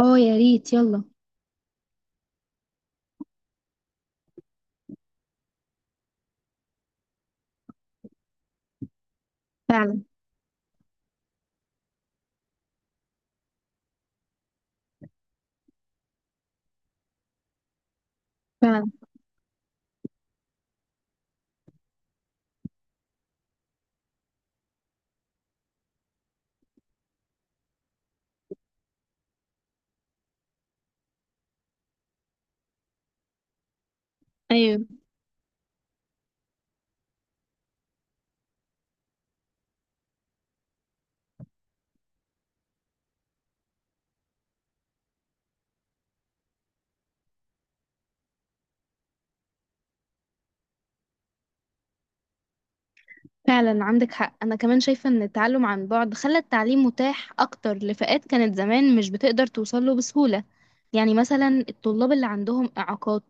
اه يا ريت يلا. فعلا. فعلا. ايوه. فعلا. عندك حق، انا كمان شايفه ان التعلم عن بعد خلى التعليم متاح اكتر لفئات كانت زمان مش بتقدر توصل له بسهوله. يعني مثلا الطلاب اللي عندهم اعاقات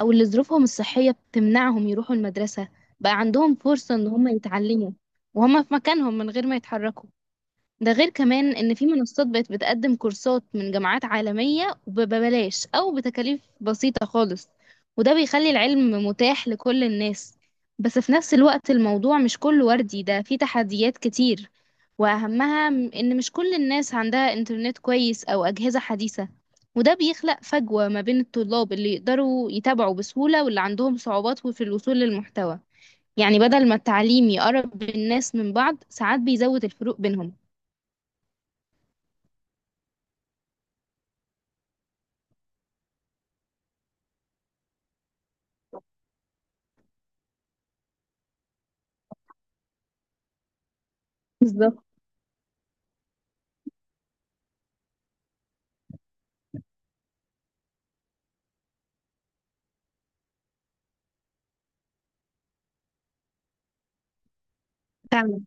او اللي ظروفهم الصحيه بتمنعهم يروحوا المدرسه بقى عندهم فرصه ان هم يتعلموا وهم في مكانهم من غير ما يتحركوا. ده غير كمان ان في منصات بقت بتقدم كورسات من جامعات عالمية وببلاش او بتكاليف بسيطة خالص، وده بيخلي العلم متاح لكل الناس. بس في نفس الوقت الموضوع مش كله وردي، ده فيه تحديات كتير، واهمها ان مش كل الناس عندها انترنت كويس او اجهزة حديثة، وده بيخلق فجوة ما بين الطلاب اللي يقدروا يتابعوا بسهولة واللي عندهم صعوبات في الوصول للمحتوى. يعني بدل ما التعليم يقرب الناس من بعض ساعات بيزود الفروق بينهم. بالظبط. فعلا.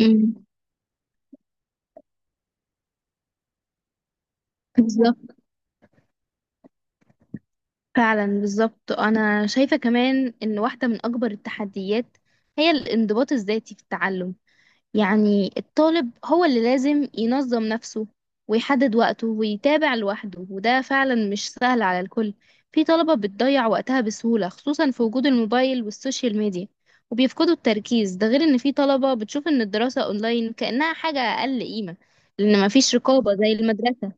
امم. بالظبط. فعلا. بالظبط، انا شايفه كمان ان واحده من اكبر التحديات هي الانضباط الذاتي في التعلم. يعني الطالب هو اللي لازم ينظم نفسه ويحدد وقته ويتابع لوحده، وده فعلا مش سهل على الكل. في طلبه بتضيع وقتها بسهوله خصوصا في وجود الموبايل والسوشيال ميديا وبيفقدوا التركيز. ده غير ان في طلبه بتشوف ان الدراسه اونلاين كانها حاجه اقل قيمه لان مفيش رقابه زي المدرسه.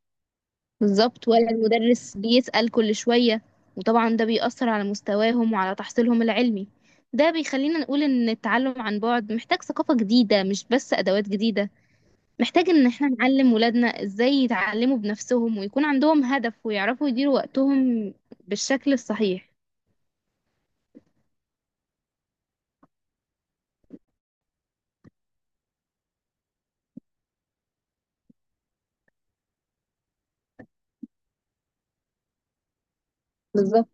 بالظبط. ولا المدرس بيسأل كل شوية. وطبعا ده بيأثر على مستواهم وعلى تحصيلهم العلمي. ده بيخلينا نقول إن التعلم عن بعد محتاج ثقافة جديدة مش بس أدوات جديدة. محتاج إن احنا نعلم ولادنا إزاي يتعلموا بنفسهم ويكون عندهم هدف ويعرفوا يديروا وقتهم بالشكل الصحيح. بالظبط.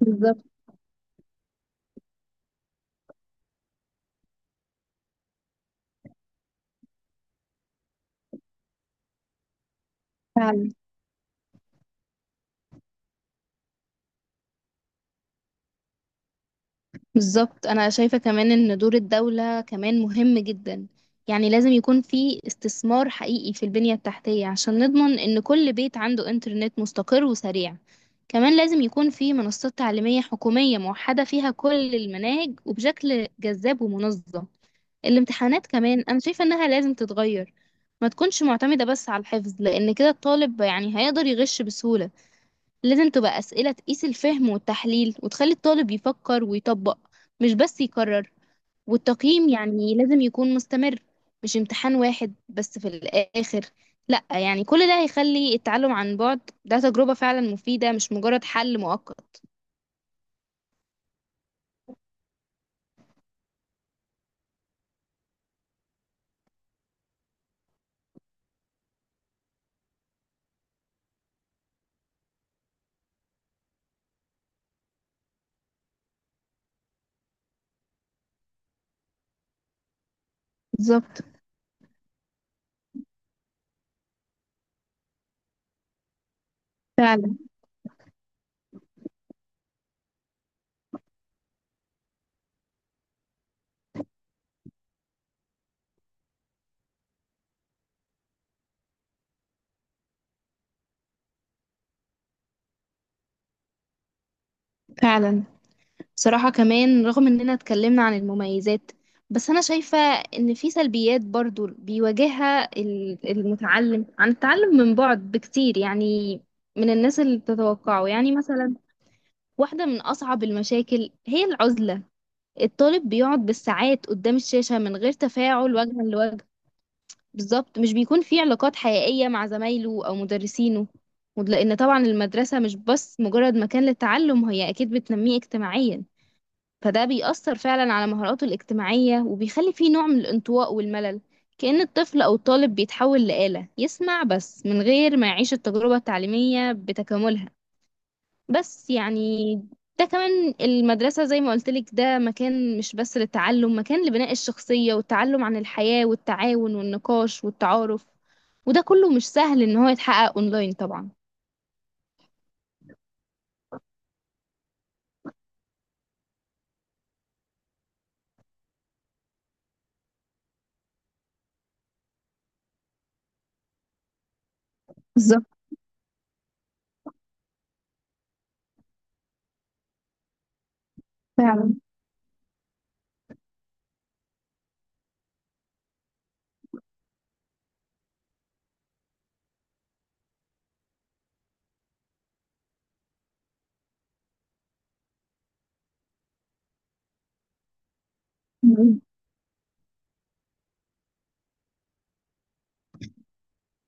بالظبط. بالظبط، انا شايفة كمان ان دور الدولة كمان مهم جدا. يعني لازم يكون في استثمار حقيقي في البنية التحتية عشان نضمن ان كل بيت عنده انترنت مستقر وسريع. كمان لازم يكون في منصات تعليمية حكومية موحدة فيها كل المناهج وبشكل جذاب ومنظم. الامتحانات كمان انا شايفة انها لازم تتغير، ما تكونش معتمدة بس على الحفظ، لان كده الطالب يعني هيقدر يغش بسهولة. لازم تبقى أسئلة تقيس الفهم والتحليل وتخلي الطالب يفكر ويطبق، مش بس يكرر. والتقييم يعني لازم يكون مستمر، مش امتحان واحد بس في الآخر. لأ يعني كل ده هيخلي التعلم عن بعد ده تجربة فعلا مفيدة، مش مجرد حل مؤقت. بالظبط. فعلا. فعلا. بصراحة كمان رغم اننا اتكلمنا عن المميزات، بس انا شايفة ان في سلبيات برضو بيواجهها المتعلم عن التعلم من بعد بكتير. يعني من الناس اللي بتتوقعه. يعني مثلا واحدة من اصعب المشاكل هي العزلة. الطالب بيقعد بالساعات قدام الشاشة من غير تفاعل وجها لوجه. بالظبط. مش بيكون في علاقات حقيقية مع زمايله او مدرسينه. ولأن طبعا المدرسة مش بس مجرد مكان للتعلم، هي اكيد بتنميه اجتماعيا، فده بيأثر فعلا على مهاراته الاجتماعية وبيخلي فيه نوع من الانطواء والملل. كأن الطفل أو الطالب بيتحول لآلة يسمع بس من غير ما يعيش التجربة التعليمية بتكاملها. بس يعني ده كمان المدرسة زي ما قلتلك ده مكان مش بس للتعلم، مكان لبناء الشخصية والتعلم عن الحياة والتعاون والنقاش والتعارف. وده كله مش سهل إن هو يتحقق أونلاين طبعا. بالظبط. فعلا.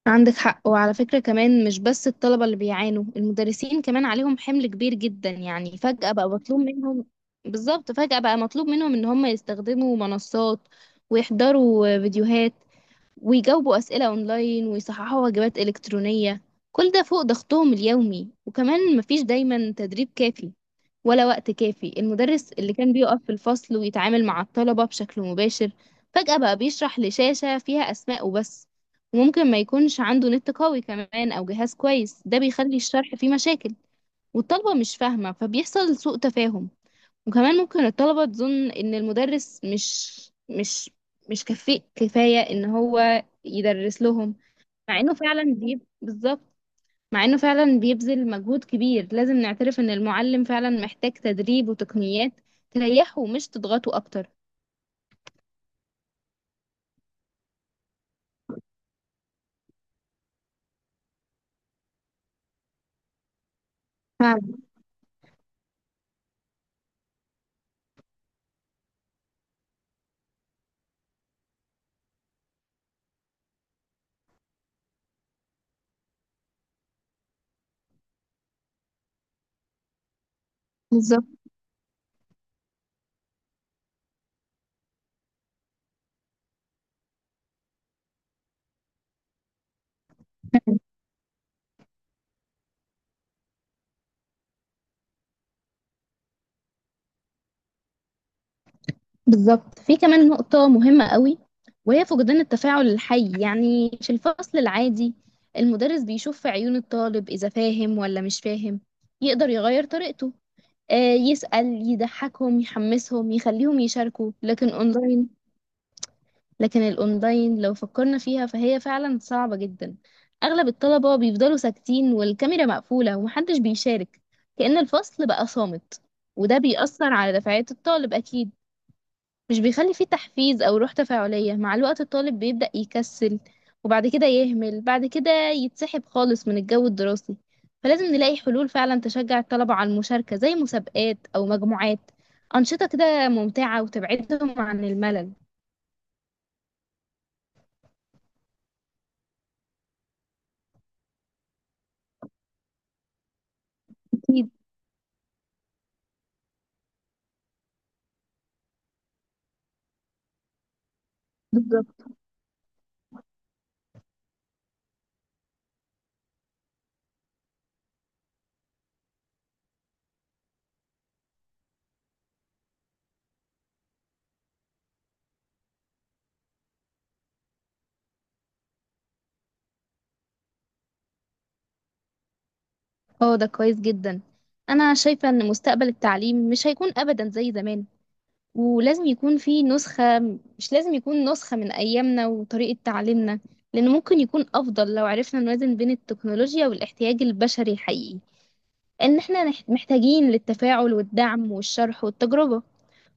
عندك حق. وعلى فكرة كمان مش بس الطلبة اللي بيعانوا، المدرسين كمان عليهم حمل كبير جدا. يعني فجأة بقى مطلوب منهم. بالظبط. فجأة بقى مطلوب منهم ان هم يستخدموا منصات ويحضروا فيديوهات ويجاوبوا أسئلة أونلاين ويصححوا واجبات إلكترونية. كل ده فوق ضغطهم اليومي، وكمان مفيش دايما تدريب كافي ولا وقت كافي. المدرس اللي كان بيقف في الفصل ويتعامل مع الطلبة بشكل مباشر فجأة بقى بيشرح لشاشة فيها أسماء وبس. وممكن ما يكونش عنده نت قوي كمان أو جهاز كويس. ده بيخلي الشرح فيه مشاكل والطلبة مش فاهمة، فبيحصل سوء تفاهم. وكمان ممكن الطلبة تظن إن المدرس مش مش كفء كفاية إن هو يدرس لهم. مع إنه فعلا بالظبط. مع إنه فعلا بيبذل مجهود كبير، لازم نعترف إن المعلم فعلا محتاج تدريب وتقنيات تريحه مش تضغطه أكتر. فعلا. بالظبط. بالظبط، في كمان نقطة مهمة قوي وهي فقدان التفاعل الحي. يعني في الفصل العادي المدرس بيشوف في عيون الطالب إذا فاهم ولا مش فاهم، يقدر يغير طريقته، يسأل، يضحكهم، يحمسهم، يخليهم يشاركوا. لكن اونلاين، لكن الاونلاين لو فكرنا فيها فهي فعلا صعبة جدا. اغلب الطلبة بيفضلوا ساكتين والكاميرا مقفولة ومحدش بيشارك، كأن الفصل بقى صامت. وده بيأثر على دفعات الطالب اكيد. مش بيخلي فيه تحفيز أو روح تفاعلية. مع الوقت الطالب بيبدأ يكسل، وبعد كده يهمل، بعد كده يتسحب خالص من الجو الدراسي. فلازم نلاقي حلول فعلا تشجع الطلبة على المشاركة زي مسابقات أو مجموعات، أنشطة كده ممتعة وتبعدهم عن الملل. أكيد. بالظبط. اه ده كويس جدا. أنا شايفة إن مستقبل التعليم مش هيكون أبدا زي زمان. ولازم يكون في نسخة، مش لازم يكون نسخة من أيامنا وطريقة تعليمنا، لأن ممكن يكون أفضل لو عرفنا نوازن بين التكنولوجيا والاحتياج البشري الحقيقي. لأن احنا محتاجين للتفاعل والدعم والشرح والتجربة.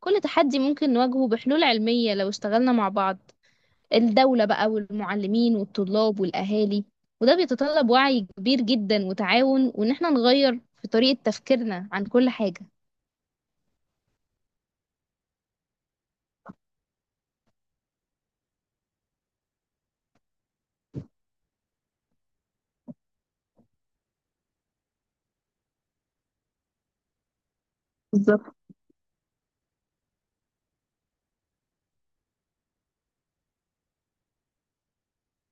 كل تحدي ممكن نواجهه بحلول علمية لو اشتغلنا مع بعض، الدولة بقى والمعلمين والطلاب والأهالي. وده بيتطلب وعي كبير جدا وتعاون، وإن احنا نغير في طريقة تفكيرنا عن كل حاجة. بالظبط.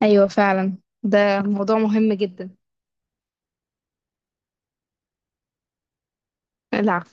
أيوة فعلا. ده موضوع مهم جدا. العفو.